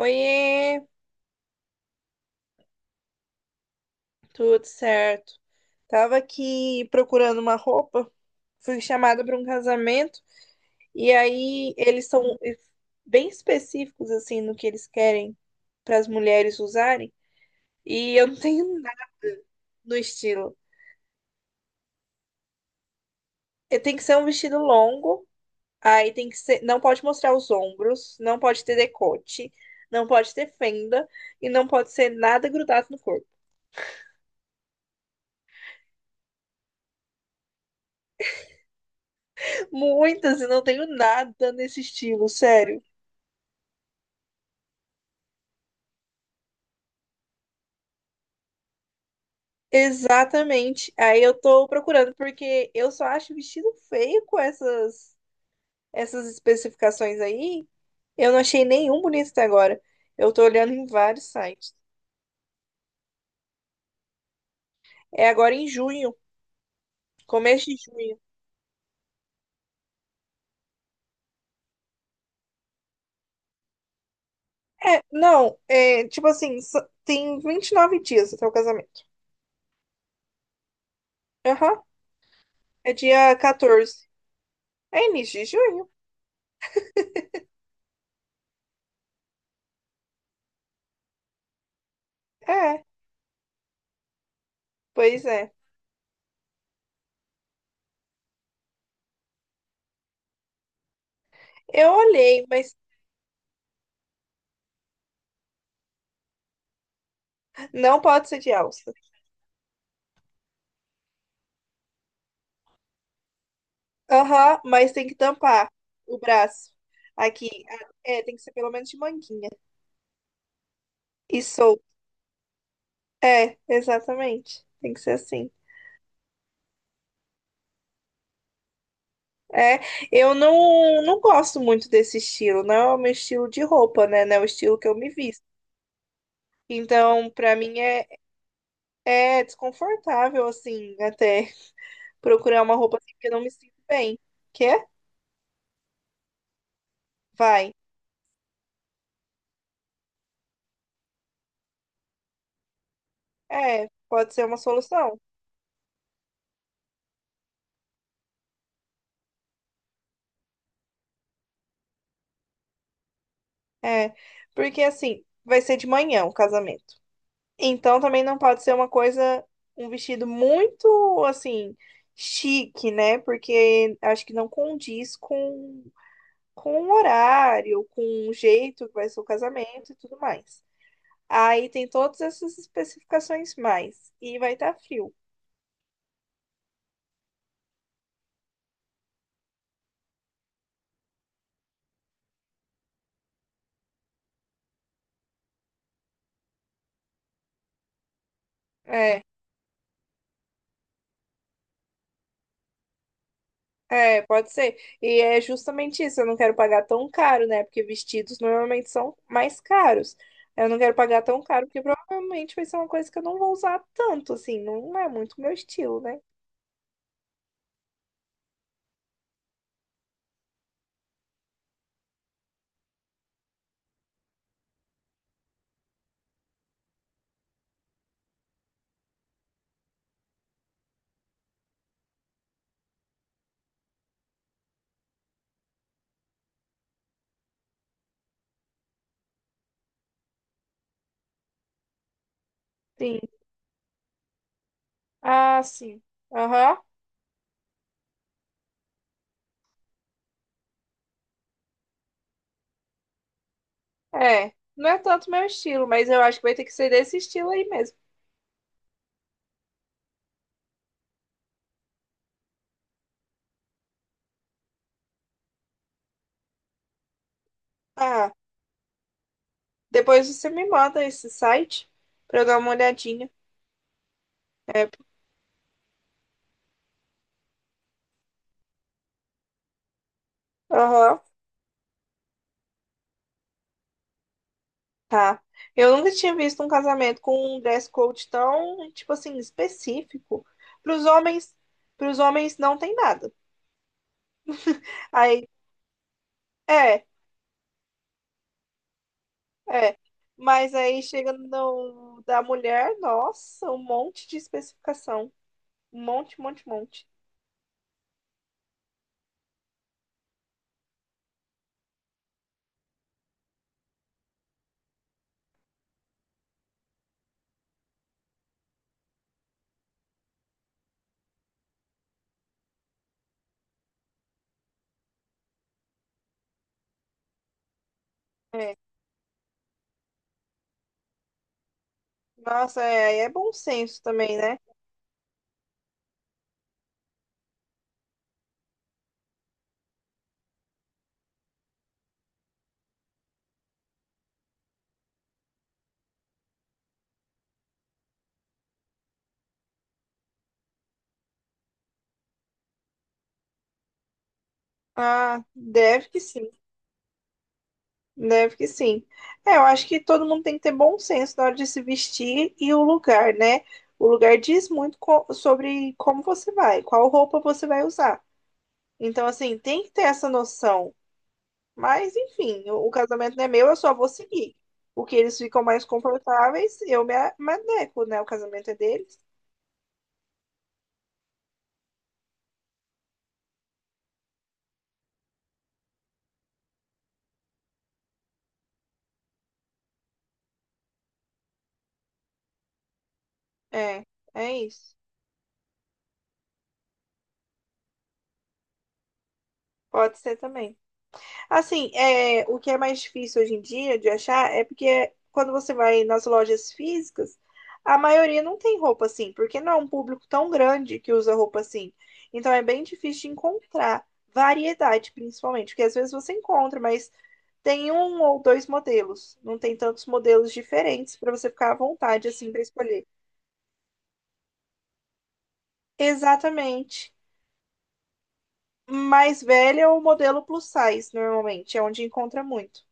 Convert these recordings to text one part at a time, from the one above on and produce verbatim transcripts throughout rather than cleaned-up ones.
Oiê, tudo certo? Tava aqui procurando uma roupa, fui chamada para um casamento e aí eles são bem específicos assim no que eles querem para as mulheres usarem e eu não tenho nada no estilo. E Tem que ser um vestido longo, aí tem que ser, não pode mostrar os ombros, não pode ter decote, não pode ter fenda e não pode ser nada grudado no corpo. Muitas, e não tenho nada nesse estilo, sério. Exatamente. Aí eu tô procurando, porque eu só acho vestido feio com essas, essas especificações aí. Eu não achei nenhum bonito até agora. Eu tô olhando em vários sites. É agora em junho, começo de junho. É, não, é tipo assim, só- tem vinte e nove dias até o casamento. Aham, é dia quatorze. É início de junho? É, pois é. Eu olhei, mas não pode ser de alça. Aham, mas tem que tampar o braço. Aqui, ah, é, tem que ser pelo menos de manguinha. E solto. É, exatamente. Tem que ser assim. É, eu não, não gosto muito desse estilo. Não é o meu estilo de roupa, né? Não é o estilo que eu me visto. Então, pra mim é, é desconfortável, assim, até procurar uma roupa assim, porque eu não me sinto bem. Quer? Vai. É, pode ser uma solução. É, porque assim, vai ser de manhã o casamento. Então também não pode ser uma coisa, um vestido muito assim, chique, né? Porque acho que não condiz com, com o horário, com o jeito que vai ser o casamento e tudo mais. Aí tem todas essas especificações mais. E vai estar frio. É, é, pode ser. E é justamente isso, eu não quero pagar tão caro, né? Porque vestidos normalmente são mais caros. Eu não quero pagar tão caro, porque provavelmente vai ser uma coisa que eu não vou usar tanto, assim, não é muito meu estilo, né? Sim. Ah, sim. Aham. É. Não é tanto meu estilo, mas eu acho que vai ter que ser desse estilo aí mesmo. Ah, depois você me manda esse site pra eu dar uma olhadinha. É. Aham. Tá. Eu nunca tinha visto um casamento com um dress code tão, tipo assim, específico. Para os homens, para os homens não tem nada. Aí, é, é. Mas aí chega no da mulher, nossa, um monte de especificação. Um monte, monte, monte. É. Nossa, é, aí é bom senso também, né? Ah, deve que sim, deve que sim. É, eu acho que todo mundo tem que ter bom senso na hora de se vestir e o lugar, né? O lugar diz muito co- sobre como você vai, qual roupa você vai usar. Então, assim, tem que ter essa noção. Mas, enfim, o, o casamento não é meu, eu só vou seguir. O que eles ficam mais confortáveis, eu me, a- me adequo, né? O casamento é deles. É, é isso. Pode ser também. Assim, é, o que é mais difícil hoje em dia de achar é porque quando você vai nas lojas físicas, a maioria não tem roupa assim, porque não é um público tão grande que usa roupa assim. Então é bem difícil de encontrar variedade, principalmente, porque às vezes você encontra, mas tem um ou dois modelos, não tem tantos modelos diferentes para você ficar à vontade assim para escolher. Exatamente. Mais velha é o modelo plus size, normalmente, é onde encontra muito.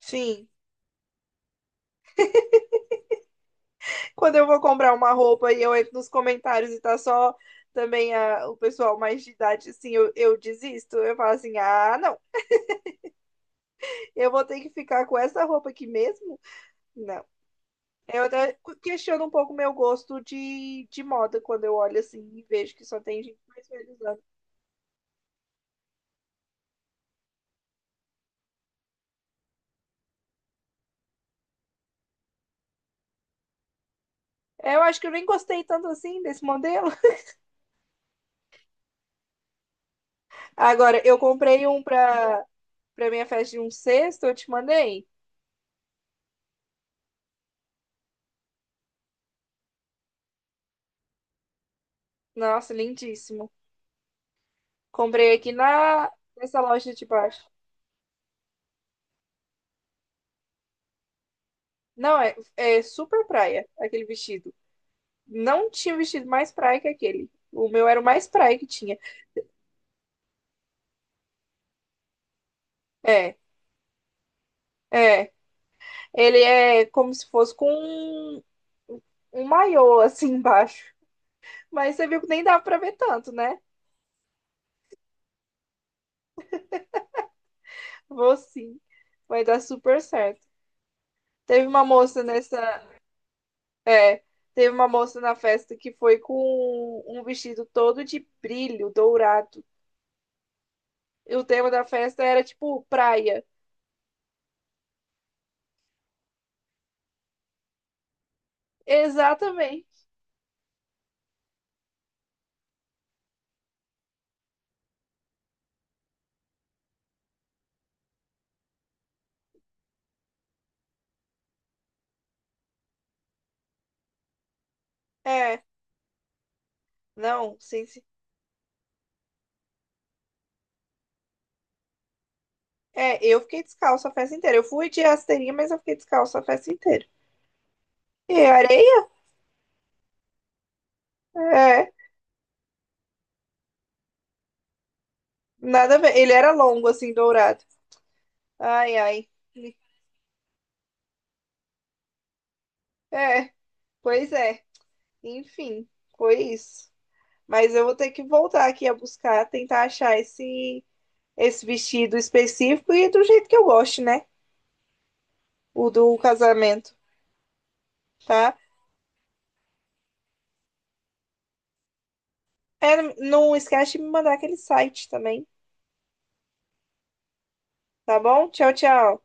Sim. Quando eu vou comprar uma roupa e eu entro nos comentários e tá só também a- o pessoal mais de idade, assim, eu, eu desisto. Eu falo assim, ah, não, eu vou ter que ficar com essa roupa aqui mesmo? Não. Eu até cu- questiono um pouco o meu gosto de, de moda quando eu olho assim e vejo que só tem gente mais velha usando. Eu acho que eu nem gostei tanto assim desse modelo. Agora, eu comprei um pra, pra minha festa de um sexto, eu te mandei. Nossa, lindíssimo. Comprei aqui na, nessa loja de baixo. Não, é, é super praia aquele vestido. Não tinha vestido mais praia que aquele. O meu era o mais praia que tinha. É, é. Ele é como se fosse com um, um maiô assim embaixo. Mas você viu que nem dava pra ver tanto, né? Vou sim. Vai dar super certo. Teve uma moça nessa. É, teve uma moça na festa que foi com um vestido todo de brilho dourado. E o tema da festa era tipo praia. Exatamente. É. Não, sim, sim. É, eu fiquei descalço a festa inteira. Eu fui de rasteirinha, mas eu fiquei descalço a festa inteira. E areia? É, nada a ver. Ele era longo, assim, dourado. Ai, ai. É, pois é. Enfim, foi isso. Mas eu vou ter que voltar aqui a buscar, tentar achar esse, esse vestido específico e do jeito que eu gosto, né? O do casamento, tá? É, não esquece de me mandar aquele site também, tá bom? Tchau, tchau.